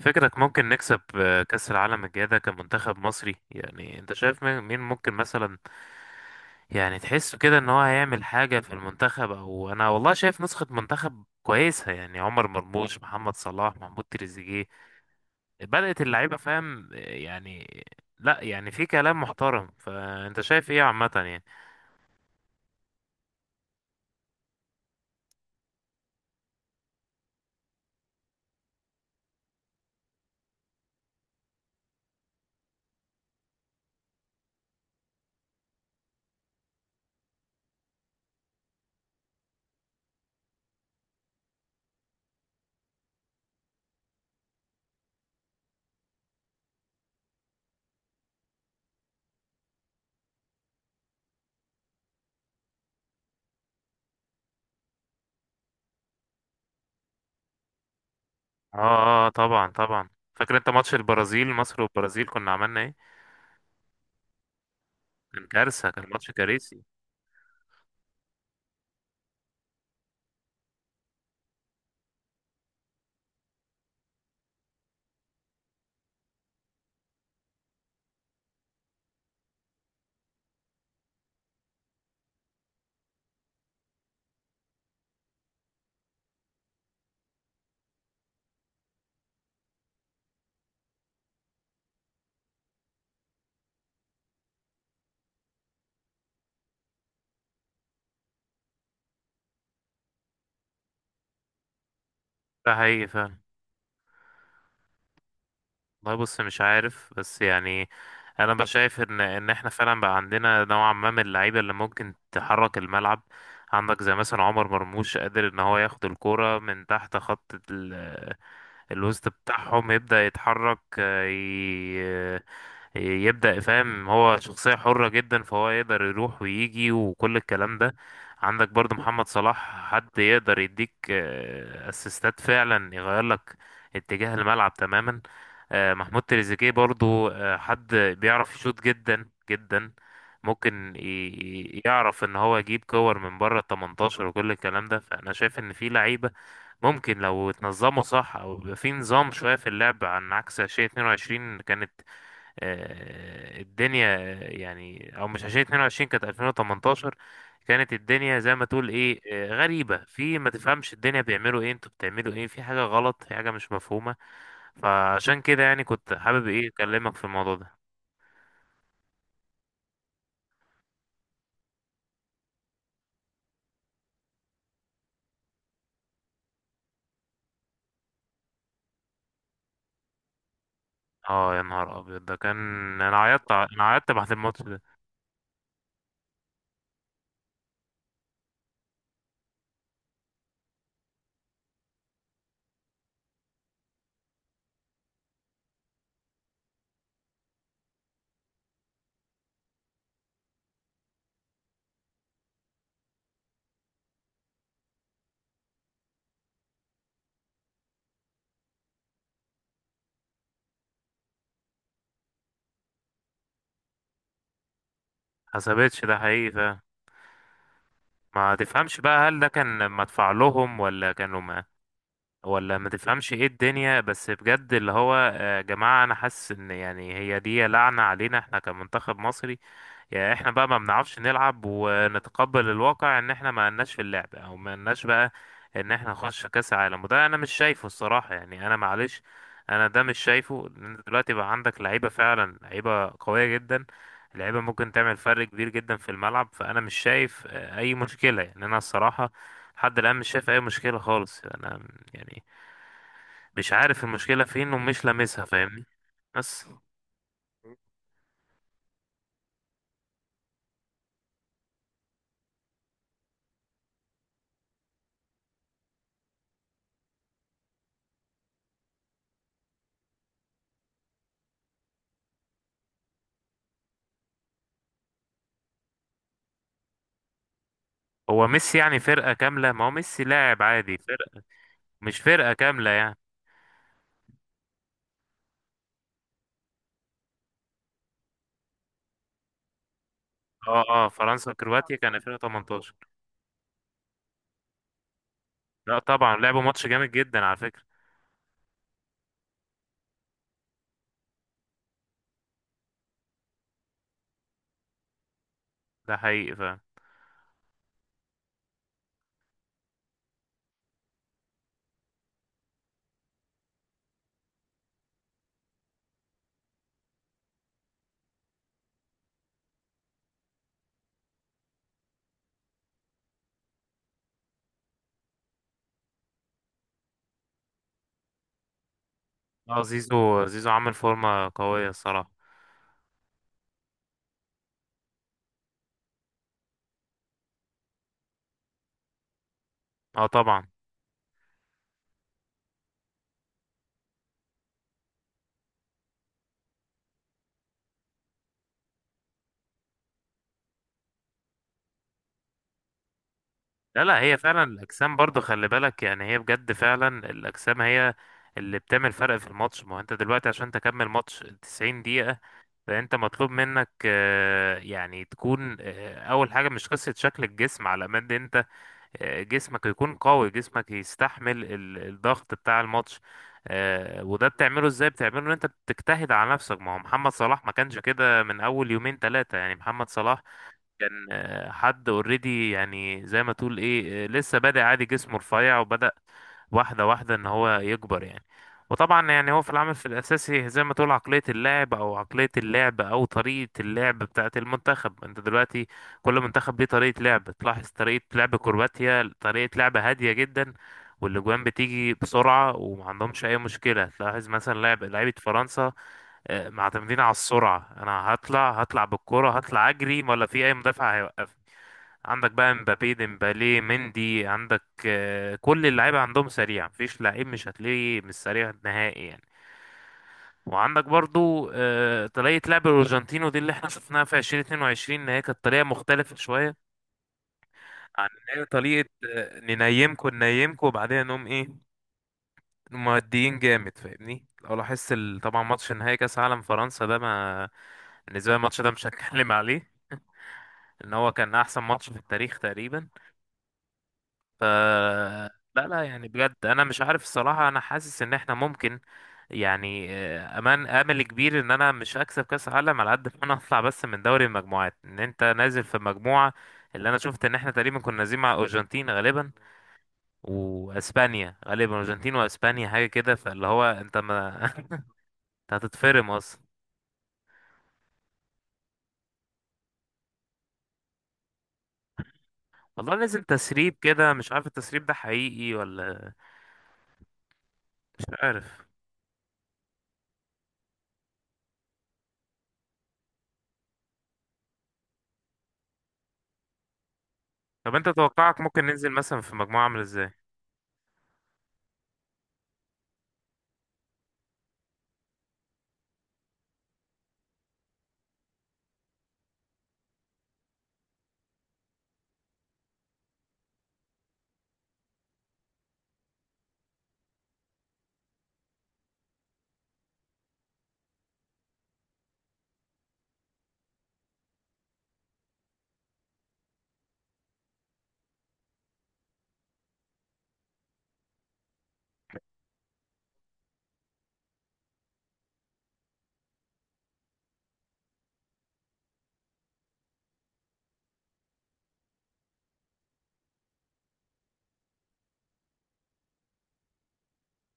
فكرك ممكن نكسب كأس العالم الجاي ده كمنتخب مصري؟ يعني انت شايف مين ممكن مثلا؟ يعني تحسه كده ان هو هيعمل حاجة في المنتخب؟ او انا والله شايف نسخة منتخب كويسة، يعني عمر مرموش، محمد صلاح، محمود تريزيجيه بدأت اللعيبة، فاهم؟ لا يعني في كلام محترم، فانت شايف ايه عامة يعني؟ اه اه، طبعا طبعا. فاكر انت ماتش البرازيل؟ مصر والبرازيل كنا عملنا ايه؟ كان كارثة، كان ماتش كارثي. ده حقيقي فعلا. والله بص مش عارف، بس يعني انا بقى شايف ان احنا فعلا بقى عندنا نوعا ما من اللعيبه اللي ممكن تحرك الملعب. عندك زي مثلا عمر مرموش، قادر ان هو ياخد الكوره من تحت خط الوسط بتاعهم، يبدا يتحرك، يبدأ، فاهم؟ هو شخصية حرة جدا، فهو يقدر يروح ويجي وكل الكلام ده. عندك برضو محمد صلاح، حد يقدر يديك اسيستات فعلا يغير لك اتجاه الملعب تماما. محمود تريزيجيه برضو حد بيعرف يشوط جدا جدا، ممكن يعرف ان هو يجيب كور من بره ال 18 وكل الكلام ده. فانا شايف ان في لعيبة ممكن لو اتنظموا صح، او يبقى في نظام شوية في اللعب، عن عكس 2022. كانت الدنيا يعني، او مش 2022، كانت 2018. كانت الدنيا زي ما تقول ايه، غريبة في، ما تفهمش الدنيا بيعملوا ايه، انتوا بتعملوا ايه، في حاجة غلط، في حاجة مش مفهومة. فعشان كده يعني كنت حابب ايه، اكلمك في الموضوع ده. اه يا نهار ابيض ده كان، انا انا عيطت بعد الماتش ده. حسبتش، ده حقيقي فعلا. ما تفهمش بقى، هل ده كان مدفع لهم ولا كانوا؟ ولا ما تفهمش ايه الدنيا، بس بجد اللي هو يا جماعة انا حاسس ان يعني هي دي لعنة علينا احنا كمنتخب مصري. يعني احنا بقى ما بنعرفش نلعب، ونتقبل الواقع ان احنا ما لناش في اللعب، او ما لناش بقى ان احنا نخش كاس عالم. وده انا مش شايفه الصراحة، يعني انا معلش، انا ده مش شايفه، لان انت دلوقتي بقى عندك لعيبة فعلا، لعيبة قوية جدا، لعيبة ممكن تعمل فرق كبير جدا في الملعب. فانا مش شايف اي مشكلة، يعني انا الصراحة لحد الان مش شايف اي مشكلة خالص. انا يعني مش عارف المشكلة فين، ومش لامسها، فاهمني؟ بس هو ميسي يعني فرقة كاملة، ما هو ميسي لاعب عادي، فرقة مش فرقة كاملة يعني. اه اه، فرنسا وكرواتيا كان 2018. لا طبعا، لعبوا ماتش جامد جدا على فكرة. ده حقيقي فعلا. اه، زيزو عامل فورمة قوية الصراحة. اه طبعا. لا لا، هي فعلا الاجسام برضو، خلي بالك يعني، هي بجد فعلا الاجسام هي اللي بتعمل فرق في الماتش. ما هو انت دلوقتي عشان تكمل ماتش 90 دقيقة، فانت مطلوب منك يعني تكون اول حاجه، مش قصه شكل الجسم على قد انت جسمك يكون قوي، جسمك يستحمل الضغط بتاع الماتش. وده بتعمله ازاي؟ بتعمله ان انت بتجتهد على نفسك. ما هو محمد صلاح ما كانش كده من اول يومين ثلاثه، يعني محمد صلاح كان حد اوريدي، يعني زي ما تقول ايه، لسه بادئ عادي، جسمه رفيع، وبدأ واحدة واحدة ان هو يكبر يعني. وطبعا يعني هو في العمل في الاساسي، زي ما تقول عقلية اللاعب، او عقلية اللعب، او طريقة اللعب بتاعة المنتخب. انت دلوقتي كل منتخب ليه طريقة لعب. تلاحظ طريقة لعب كرواتيا، طريقة لعب هادية جدا، والاجوان بتيجي بسرعة، ومعندهمش اي مشكلة. تلاحظ مثلا لعب لعيبة فرنسا، معتمدين على السرعة، انا هطلع بالكرة، هطلع اجري، ولا في اي مدافع هيوقفني. عندك بقى مبابي، ديمبالي، مندي، عندك كل اللعيبة عندهم سريع، مفيش لعيب مش هتلاقيه مش سريع نهائي يعني. وعندك برضو طريقة لعب الأرجنتين، ودي اللي احنا شفناها في 2022، إن هي كانت طريقة مختلفة شوية عن إن هي طريقة ننيمكوا وبعدين نقوم إيه، مؤديين جامد، فاهمني؟ لو لاحظت طبعا ماتش نهائي كاس عالم فرنسا ده، ما بالنسبه لي الماتش ده مش هتكلم عليه ان هو كان احسن ماتش في التاريخ تقريبا. ف لا لا، يعني بجد انا مش عارف الصراحه، انا حاسس ان احنا ممكن يعني امل كبير ان انا مش هكسب كاس عالم، على قد ما انا اطلع بس من دوري المجموعات. ان انت نازل في مجموعه، اللي انا شفت ان احنا تقريبا كنا نازلين مع ارجنتين غالبا، واسبانيا غالبا، ارجنتين واسبانيا حاجه كده، فاللي هو انت ما انت هتتفرم اصلا. والله نزل تسريب كده، مش عارف التسريب ده حقيقي ولا، مش عارف. طب انت توقعك ممكن ننزل مثلا في مجموعة عاملة ازاي؟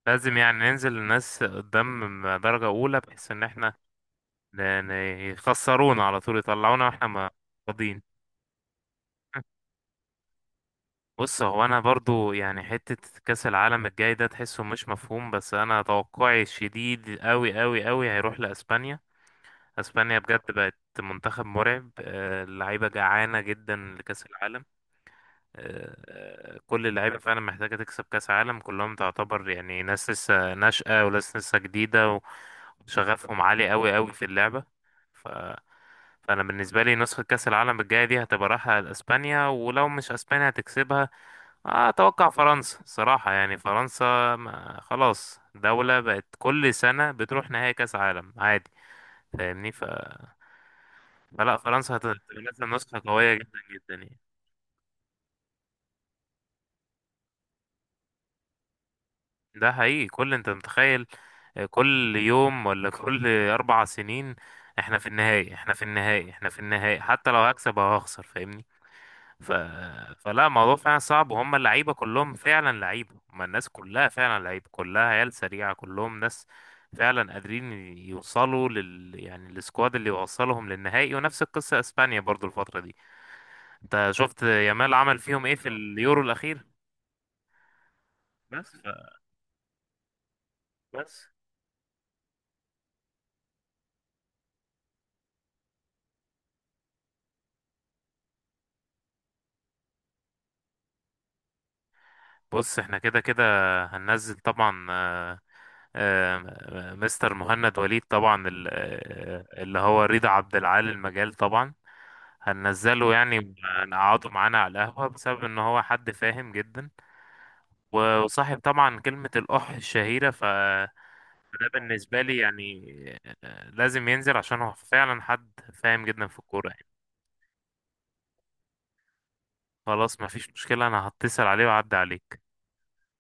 لازم يعني ننزل الناس قدام درجة اولى، بحيث ان احنا ن- ن- يخسرونا على طول، يطلعونا واحنا ما فاضيين. بص هو انا برضو يعني حتة كأس العالم الجاي ده تحسه مش مفهوم، بس انا توقعي الشديد قوي قوي قوي هيروح لاسبانيا. اسبانيا بجد بقت منتخب مرعب، اللعيبة جعانة جدا لكأس العالم. كل اللعيبة فعلا محتاجة تكسب كأس عالم، كلهم تعتبر يعني ناس لسه ناشئة، وناس لسه جديدة، وشغفهم عالي قوي قوي في اللعبة. ف... فأنا بالنسبة لي نسخة كأس العالم الجاية دي هتبقى رايحة لأسبانيا، ولو مش أسبانيا هتكسبها أتوقع فرنسا صراحة. يعني فرنسا ما خلاص دولة بقت كل سنة بتروح نهائي كأس عالم عادي، فاهمني؟ فلا فرنسا هتبقى نازلة نسخة قوية جدا جدا يعني. ده حقيقي، كل انت متخيل كل يوم، ولا كل اربع سنين، احنا في النهائي، احنا في النهائي، احنا في النهائي، حتى لو هكسب او هخسر، فاهمني؟ ف... فلا الموضوع فعلا صعب، وهم اللعيبه كلهم فعلا لعيبه، هم الناس كلها فعلا لعيبه، كلها عيال سريعه، كلهم ناس فعلا قادرين يوصلوا لل، يعني السكواد اللي يوصلهم للنهائي. ونفس القصه اسبانيا برضو الفتره دي، انت شفت يامال عمل فيهم ايه في اليورو الاخير؟ بس ف... بس بص احنا كده كده هننزل طبعا مستر مهند وليد، طبعا اللي هو رضا عبد العال المجال طبعا، هننزله يعني، هنقعده معانا على القهوة، بسبب ان هو حد فاهم جدا، وصاحب طبعا كلمة الأح الشهيرة، فده بالنسبة لي يعني لازم ينزل، عشان هو فعلا حد فاهم جدا في الكورة يعني. خلاص مفيش مشكلة، انا هتصل عليه وأعدي عليه.